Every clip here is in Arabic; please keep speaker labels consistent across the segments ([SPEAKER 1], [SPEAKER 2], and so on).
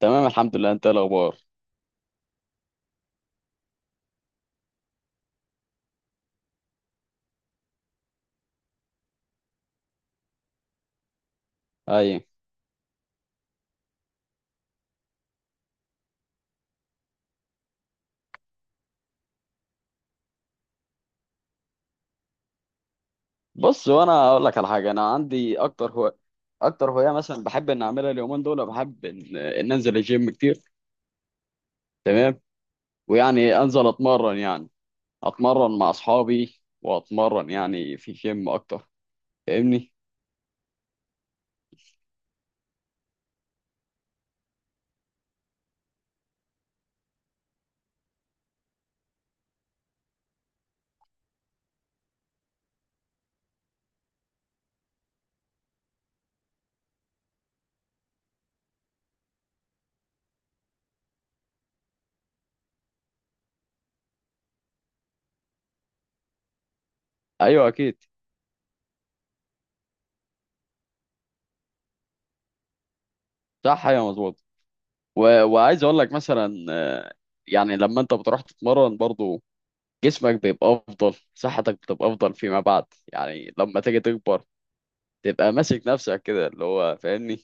[SPEAKER 1] تمام، الحمد لله. انت ايه الاخبار؟ اي. بص وانا اقول لك على حاجه. انا عندي اكتر هوايه مثلا بحب ان اعملها اليومين دول. بحب ان انزل الجيم كتير. تمام. ويعني انزل اتمرن يعني، اتمرن مع اصحابي واتمرن يعني في جيم اكتر، فاهمني. ايوه اكيد. صح، ايوه مظبوط. وعايز اقول لك مثلا يعني لما انت بتروح تتمرن برضو جسمك بيبقى افضل، صحتك بتبقى افضل فيما بعد. يعني لما تيجي تكبر تبقى ماسك نفسك كده اللي هو، فاهمني.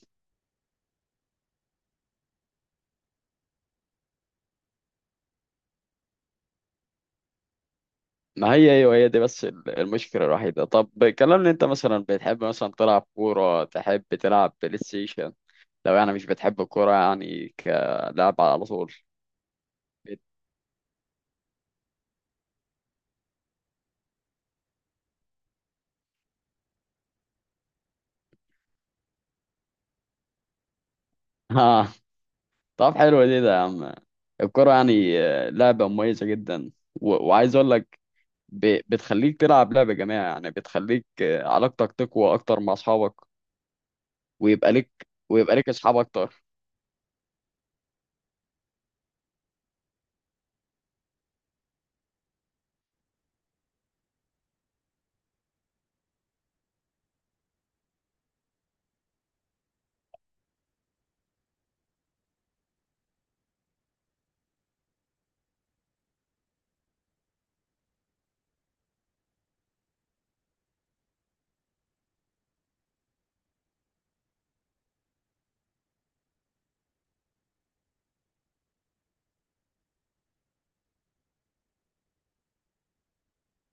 [SPEAKER 1] ما هي ايوه، هي دي بس المشكله الوحيده. طب كلمني، انت مثلا بتحب مثلا تلعب كوره، تحب تلعب بلاي ستيشن؟ لو يعني مش بتحب الكوره يعني كلعب على طول بت- ها. طب حلو دي، ده يا عم الكوره يعني لعبه مميزه جدا، وعايز اقول لك، بتخليك تلعب لعبه جماعيه يعني، بتخليك علاقتك تقوى اكتر مع اصحابك، ويبقى لك ويبقى لك اصحاب اكتر.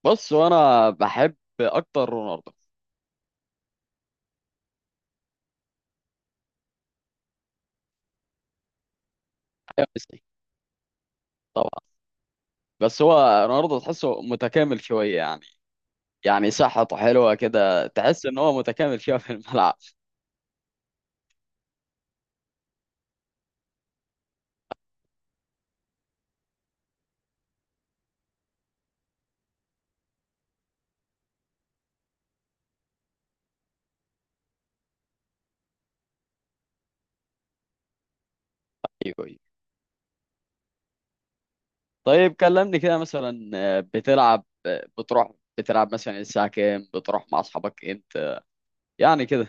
[SPEAKER 1] بص وانا بحب اكتر رونالدو. أيوة، ميسي. بس هو رونالدو تحسه متكامل شوية يعني. يعني صحته حلوة كده، تحس ان هو متكامل شوية في الملعب. ايوه أيوة. طيب كلمني كده مثلا بتلعب بتروح بتلعب مثلا الساعة كام؟ بتروح مع اصحابك امتى يعني كده؟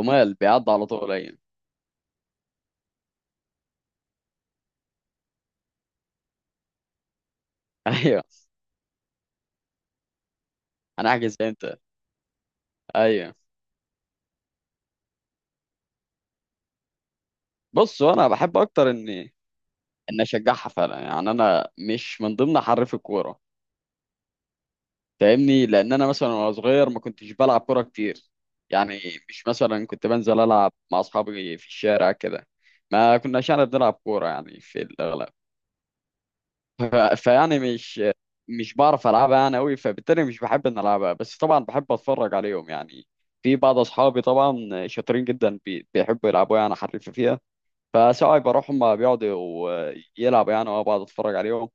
[SPEAKER 1] جمال بيعدي على طول، ايوه. ايوه. انا احجز امتى؟ ايوه. بص انا بحب اكتر اني ان اشجعها فعلا يعني. انا مش من ضمن حريف الكورة، فاهمني، لان انا مثلا وانا صغير ما كنتش بلعب كوره كتير يعني. مش مثلا كنت بنزل العب مع اصحابي في الشارع كده، ما كناش يعني بنلعب كوره يعني في الاغلب. فيعني مش بعرف العبها يعني قوي، فبالتالي مش بحب ان العبها. بس طبعا بحب اتفرج عليهم يعني. في بعض اصحابي طبعا شاطرين جدا، بيحبوا يلعبوا يعني، حريف فيها. فساعات بروح هم بيقعدوا يلعبوا يعني وانا بقعد اتفرج عليهم.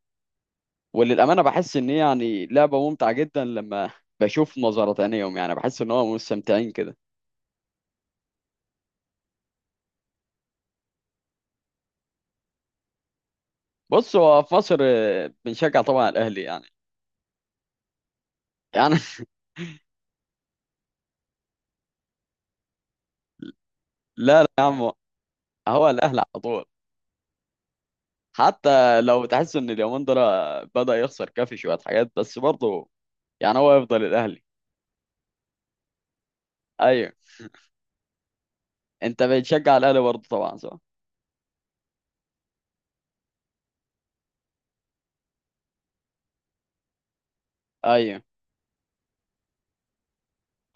[SPEAKER 1] وللأمانة بحس إن هي يعني لعبة ممتعة جدا لما بشوف نظرة تانيهم، يعني بحس إن هو مستمتعين كده. بص هو في مصر بنشجع طبعا الأهلي يعني. يعني لا لا يا عم، هو الأهلي على طول. حتى لو تحس إن اليومين دول بدأ يخسر كافي شوية حاجات، بس برضه يعني هو يفضل الأهلي. أيوه. أنت بتشجع الأهلي برضه طبعا، صح؟ أيوه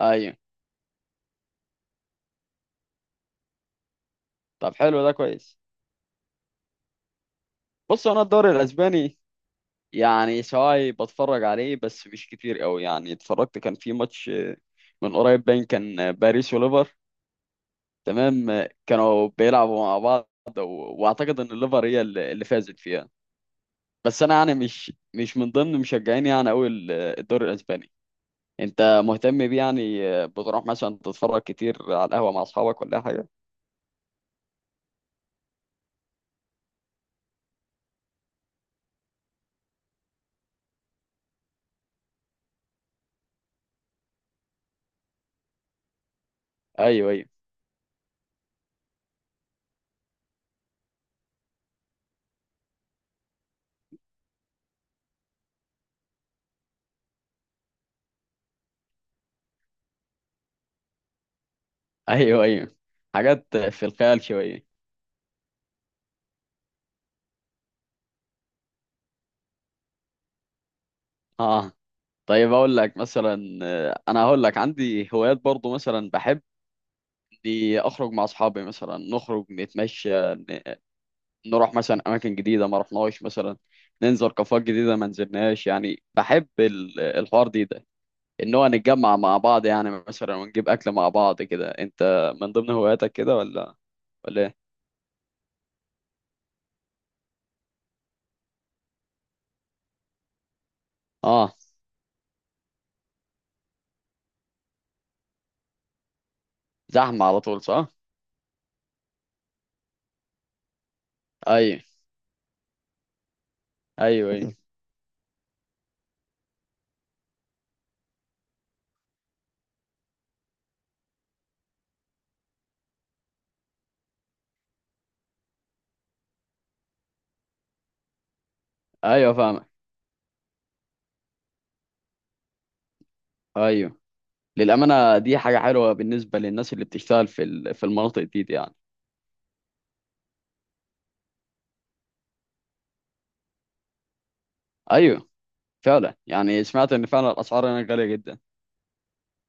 [SPEAKER 1] أيوه. طب حلو ده كويس. بص أنا الدوري الأسباني يعني سواء بتفرج عليه بس مش كتير قوي يعني. اتفرجت كان في ماتش من قريب باين كان باريس وليفر. تمام، كانوا بيلعبوا مع بعض، واعتقد ان الليفر هي اللي فازت فيها. بس انا يعني مش من ضمن مشجعين يعني قوي الدوري الاسباني. انت مهتم بيه يعني، بتروح مثلا تتفرج كتير على القهوة مع اصحابك ولا أي حاجة؟ ايوه ايوه. ايوه ايوه. حاجات في الخيال شوية. اه. طيب اقول لك مثلا انا هقول لك عندي هوايات برضو. مثلا بحب إني اخرج مع اصحابي، مثلا نخرج نتمشى، نروح مثلا اماكن جديده ما رحناش، مثلا ننزل كافيهات جديده ما نزلناش. يعني بحب الحوار دي ده، ان هو نتجمع مع بعض يعني مثلا ونجيب اكل مع بعض كده. انت من ضمن هواياتك كده ولا؟ ولا ايه؟ اه. زحمه على طول صح. ايوه. ايوه ايوه. ايوه فاهمك. ايوه. للامانه دي حاجه حلوه بالنسبه للناس اللي بتشتغل في في المناطق دي يعني. ايوه فعلا، يعني سمعت ان فعلا الاسعار هناك غاليه جدا.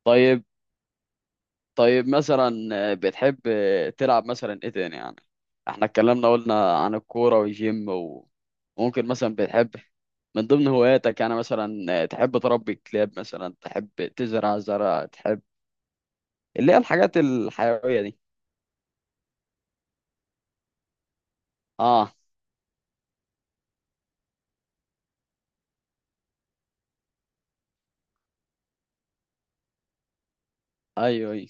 [SPEAKER 1] طيب. طيب مثلا بتحب تلعب مثلا ايه تاني يعني؟ احنا اتكلمنا، قلنا عن الكورة والجيم وممكن مثلا بتحب من ضمن هواياتك يعني مثلا تحب تربي كلاب، مثلا تحب تزرع زرع، تحب اللي هي الحاجات الحيوية دي. اه. ايوه. ايوه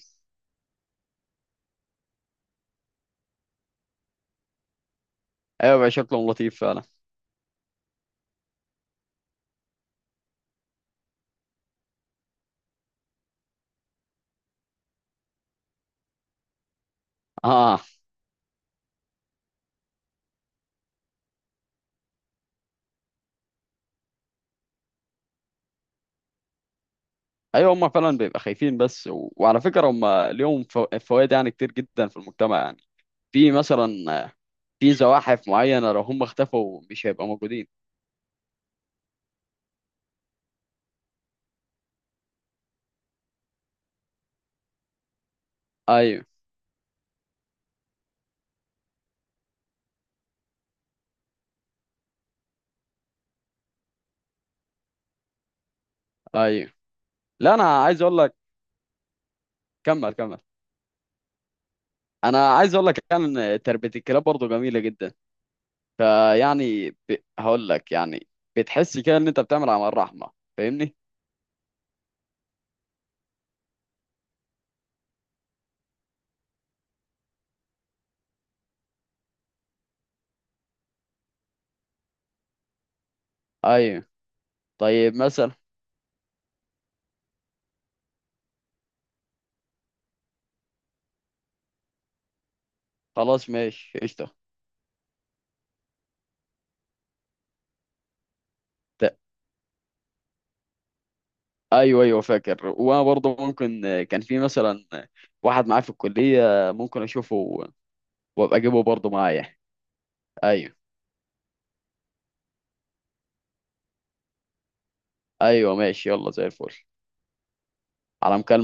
[SPEAKER 1] ايوه بقى شكلهم لطيف فعلا. اه ايوه، هم فعلا بيبقى خايفين بس. وعلى فكرة هم ليهم فوائد يعني كتير جدا في المجتمع يعني. في مثلا آه، في زواحف معينة لو هم اختفوا مش هيبقى موجودين. ايوه ايوه. لا انا عايز اقول لك، كمل كمل. انا عايز اقول لك كان تربيه الكلاب برضه جميله جدا. فيعني هقول لك يعني، بتحس كده ان انت بتعمل عمل رحمه، فاهمني. ايوه. طيب مثلا. خلاص ماشي قشطه. ت- ايوه ايوه فاكر. وانا برضه ممكن كان في مثلا واحد معايا في الكليه، ممكن اشوفه وابقى اجيبه برضه معايا. ايوه ايوه ماشي، يلا زي الفل. على مكالمه.